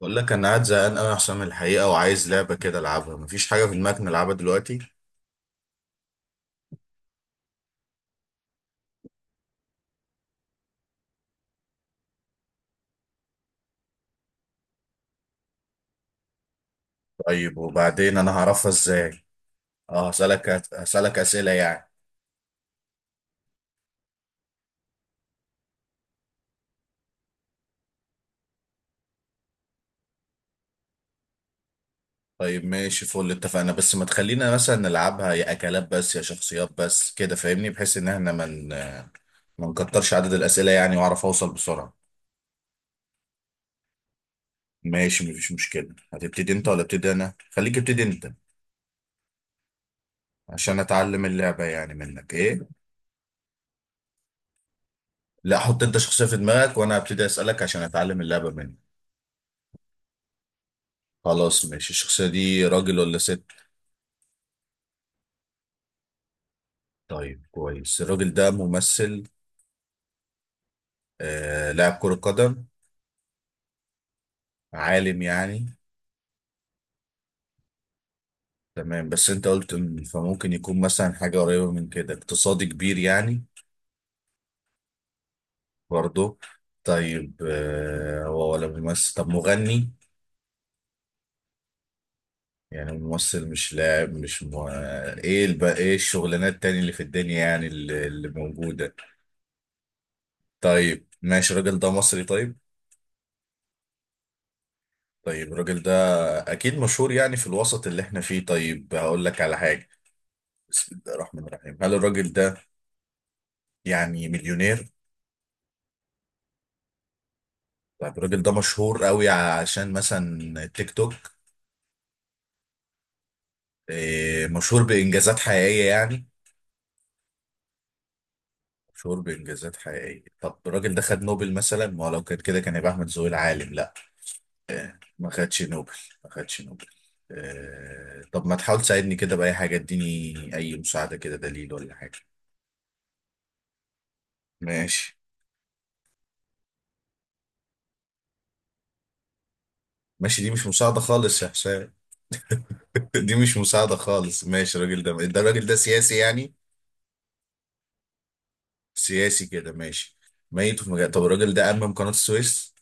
بقول لك انا قاعد زهقان قوي يا حسام الحقيقه، وعايز لعبه كده العبها. مفيش حاجه في دماغك نلعبها دلوقتي؟ طيب وبعدين انا هعرفها ازاي؟ اه، هسالك اسئله يعني. طيب ماشي، فل اتفقنا. بس ما تخلينا مثلا نلعبها يا اكلات بس يا شخصيات بس، كده فاهمني، بحيث ان احنا ما نكترش عدد الاسئله يعني، واعرف اوصل بسرعه. ماشي مفيش مشكله. هتبتدي انت ولا ابتدي انا؟ خليك ابتدي انت عشان اتعلم اللعبه يعني منك، ايه. لا، حط انت شخصيه في دماغك وانا هبتدي اسالك عشان اتعلم اللعبه منك. خلاص ماشي، الشخصية دي راجل ولا ست؟ طيب كويس. الراجل ده ممثل؟ آه، لاعب كرة قدم؟ عالم يعني؟ تمام، بس انت قلت فممكن يكون مثلا حاجة قريبة من كده، اقتصادي كبير يعني؟ برضه؟ طيب آه، هو ولا ممثل؟ طب مغني؟ يعني ممثل مش لاعب مش م... ايه ايه الشغلانات التانية اللي في الدنيا يعني، اللي موجودة؟ طيب ماشي، الراجل ده مصري طيب؟ طيب الراجل ده اكيد مشهور يعني في الوسط اللي احنا فيه. طيب هقول لك على حاجه، بسم الله الرحمن الرحيم. هل الراجل ده يعني مليونير؟ طيب الراجل ده مشهور قوي عشان مثلا تيك توك؟ إيه، مشهور بانجازات حقيقيه يعني؟ مشهور بانجازات حقيقيه. طب الراجل ده خد نوبل مثلا؟ ما هو لو كان كده كان يبقى احمد زويل العالم. لا ما خدش نوبل، ما خدش نوبل. إيه، طب ما تحاول تساعدني كده باي حاجه، اديني اي مساعده كده، دليل ولا حاجه. ماشي. ماشي دي مش مساعده خالص يا حسام. دي مش مساعدة خالص. ماشي الراجل ده، الراجل ده سياسي يعني؟ سياسي كده ماشي، ميت، في مجال. طب الراجل ده أمم قناة السويس؟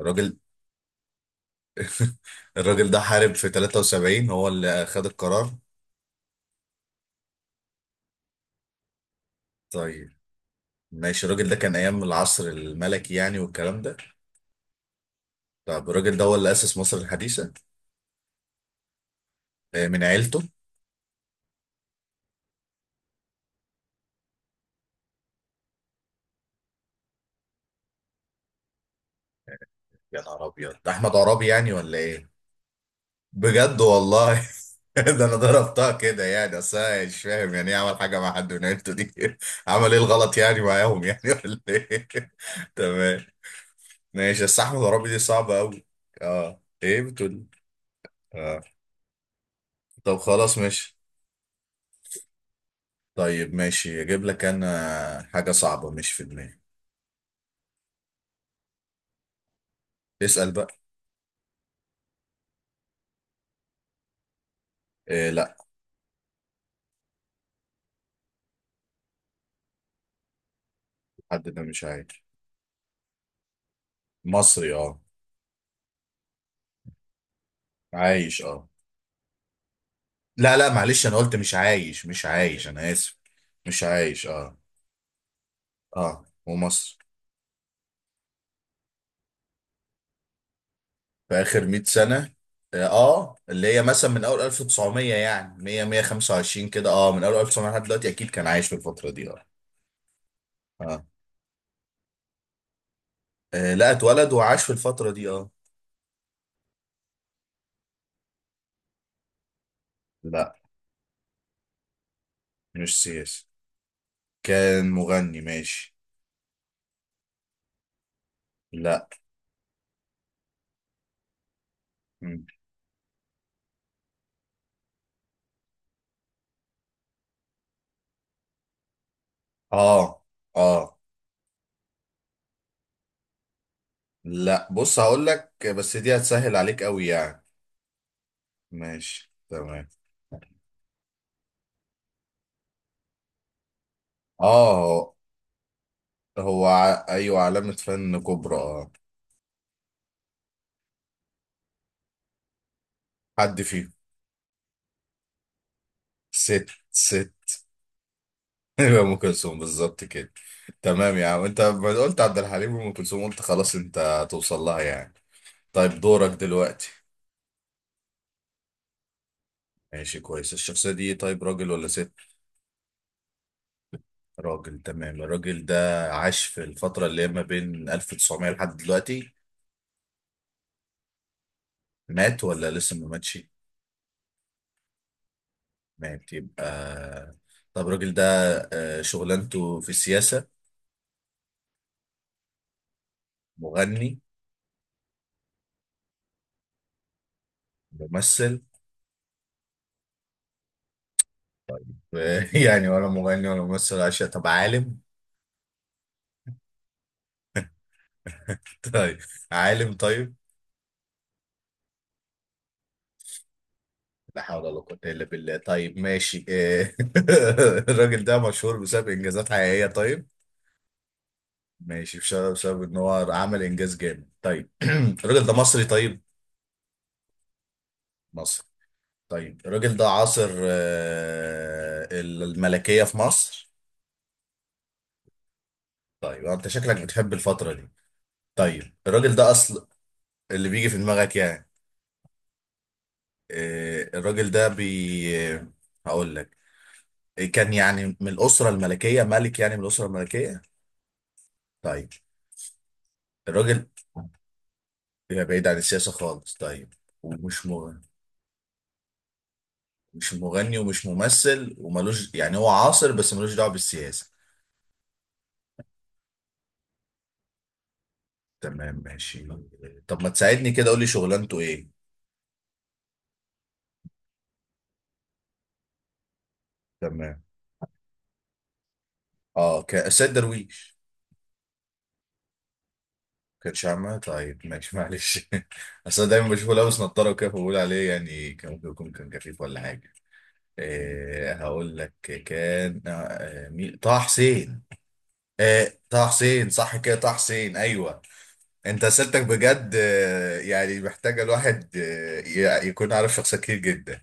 الراجل. الراجل ده حارب في 73، هو اللي خد القرار. طيب ماشي، الراجل ده كان أيام العصر الملكي يعني والكلام ده؟ طب الراجل ده هو اللي أسس مصر الحديثة؟ آه، من عيلته؟ يا نهار أبيض، ده أحمد عرابي يعني ولا إيه؟ بجد والله! ده انا ضربتها كده يعني، اصل أنا مش فاهم يعني ايه عمل حاجه مع حد من عيلته دي. عمل ايه الغلط يعني معاهم يعني ولا ايه؟ تمام. ماشي بس احمد عرابي دي صعبه قوي. اه ايه بتقول؟ اه، طب خلاص ماشي. طيب ماشي اجيب لك انا حاجه صعبه مش في دماغي. اسال بقى. إيه لا. حد ده مش عايش. مصري اه. عايش اه. لا لا معلش، انا قلت مش عايش مش عايش، انا اسف. مش عايش اه. اه ومصري. في اخر 100 سنه. اه آه، اللي هي مثلا من اول 1900 يعني 100 125 كده، اه من اول 1900 لحد دلوقتي اكيد كان عايش في الفتره دي اه. اه آه، لا اتولد وعاش في الفتره دي اه. لا مش سياسي، كان مغني ماشي. لا. مم. اه اه. لا بص هقول لك، بس دي هتسهل عليك قوي يعني. ماشي تمام. اه هو ايوه علامه فن كبرى اه. حد فيهم. ست. ست. ايوه ام كلثوم بالظبط كده. تمام يا عم، انت ما قلت عبد الحليم وام كلثوم، قلت خلاص انت هتوصل لها يعني. طيب دورك دلوقتي. ماشي كويس، الشخصية دي طيب راجل ولا ست؟ راجل تمام. الراجل ده عاش في الفترة اللي هي ما بين 1900 لحد دلوقتي. مات ولا لسه ما ماتش؟ مات يبقى. طب الراجل ده آه، شغلانته في السياسة؟ مغني؟ ممثل؟ يعني ولا مغني ولا ممثل، عشان طب عالم؟ طيب عالم طيب. لا حول ولا قوة إلا بالله. طيب ماشي إيه. الراجل ده مشهور بسبب إنجازات حقيقية طيب؟ ماشي، بسبب إن هو عمل إنجاز جامد طيب. الراجل ده مصري طيب؟ مصري طيب. الراجل ده عاصر آه، الملكية في مصر؟ طيب أنت شكلك بتحب الفترة دي، طيب الراجل ده أصل اللي بيجي في دماغك يعني، آه، الراجل ده هقول لك، كان يعني من الأسرة الملكية، ملك يعني من الأسرة الملكية؟ طيب الراجل، هي بعيد عن السياسة خالص طيب، ومش مغني؟ مش مغني ومش ممثل وملوش يعني هو عاصر بس ملوش دعوة بالسياسة؟ تمام ماشي. طب ما تساعدني كده قول لي شغلانته ايه. تمام، اه السيد درويش؟ كانش عامة؟ طيب ماشي معلش، اصل أنا دايما بشوفه لابس نضارة وكده فبقول عليه يعني كان ممكن يكون كان كفيف ولا حاجة. إيه هقول لك، كان آه آه، مين، طه حسين؟ إيه طه حسين صح كده، طه حسين ايوه. انت اسئلتك بجد آه، يعني محتاجه الواحد آه، يكون عارف شخصيات كتير جدا.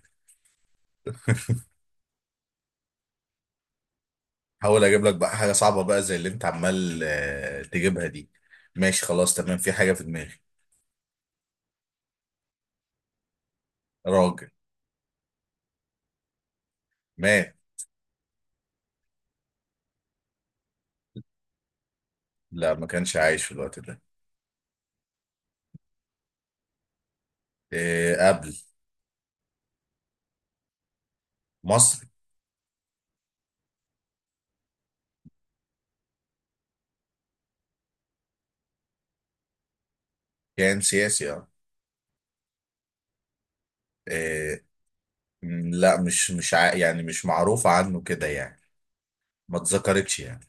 حاول اجيب لك بقى حاجه صعبه بقى زي اللي انت عمال آه، تجيبها دي. ماشي خلاص تمام، في حاجه في دماغي. راجل. مات. لا ما كانش عايش في الوقت ده. آه، قبل. مصري. كان سياسي اه. آه، م، لا مش مش ع... يعني مش معروف عنه كده يعني، ما اتذكرتش يعني.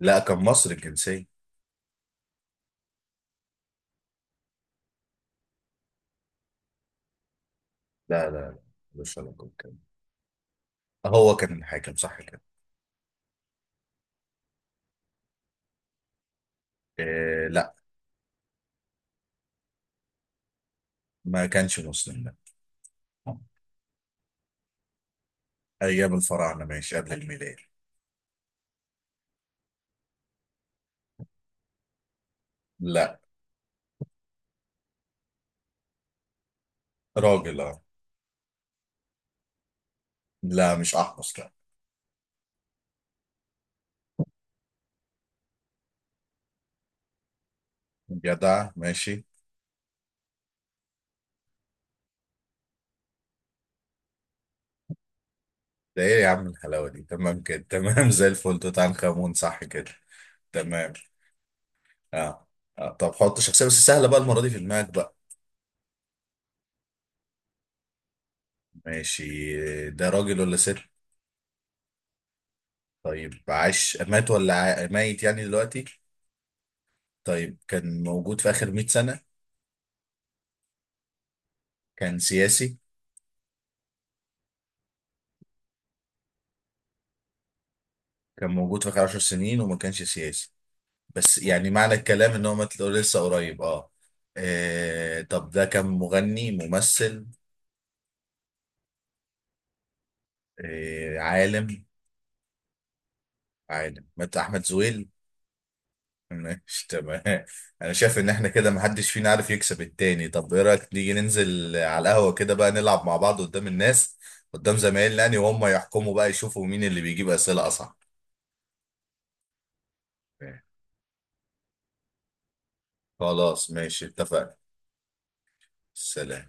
لا كان مصري الجنسيه. لا، مش علاقه بالكلام. هو كان حاكم صح كده. آه، لا ما كانش مسلم لا. ايام الفراعنه ماشي، قبل الميلاد. لا. راجل اه. لا مش احمس لا. جدع ماشي. ده ايه يا عم الحلاوه دي، تمام كده تمام، زي الفل، توت عنخ امون صح كده. تمام اه, آه. طب حط شخصيه بس سهله بقى المره دي في دماغك بقى. ماشي، ده راجل ولا ست؟ طيب عاش مات ولا ميت يعني دلوقتي؟ طيب كان موجود في اخر 100 سنه؟ كان سياسي؟ كان موجود في اخر 10 سنين وما كانش سياسي؟ بس يعني معنى الكلام ان هو مات لسه قريب اه. آه، طب ده كان مغني ممثل؟ آه، عالم؟ عالم، مات، احمد زويل. ماشي تمام. انا شايف ان احنا كده محدش فينا عارف يكسب التاني. طب ايه رايك نيجي ننزل على القهوه كده بقى نلعب مع بعض قدام الناس، قدام زمايلنا يعني، وهم يحكموا بقى يشوفوا مين اللي بيجيب اسئله اصح. خلاص ماشي اتفقنا. سلام.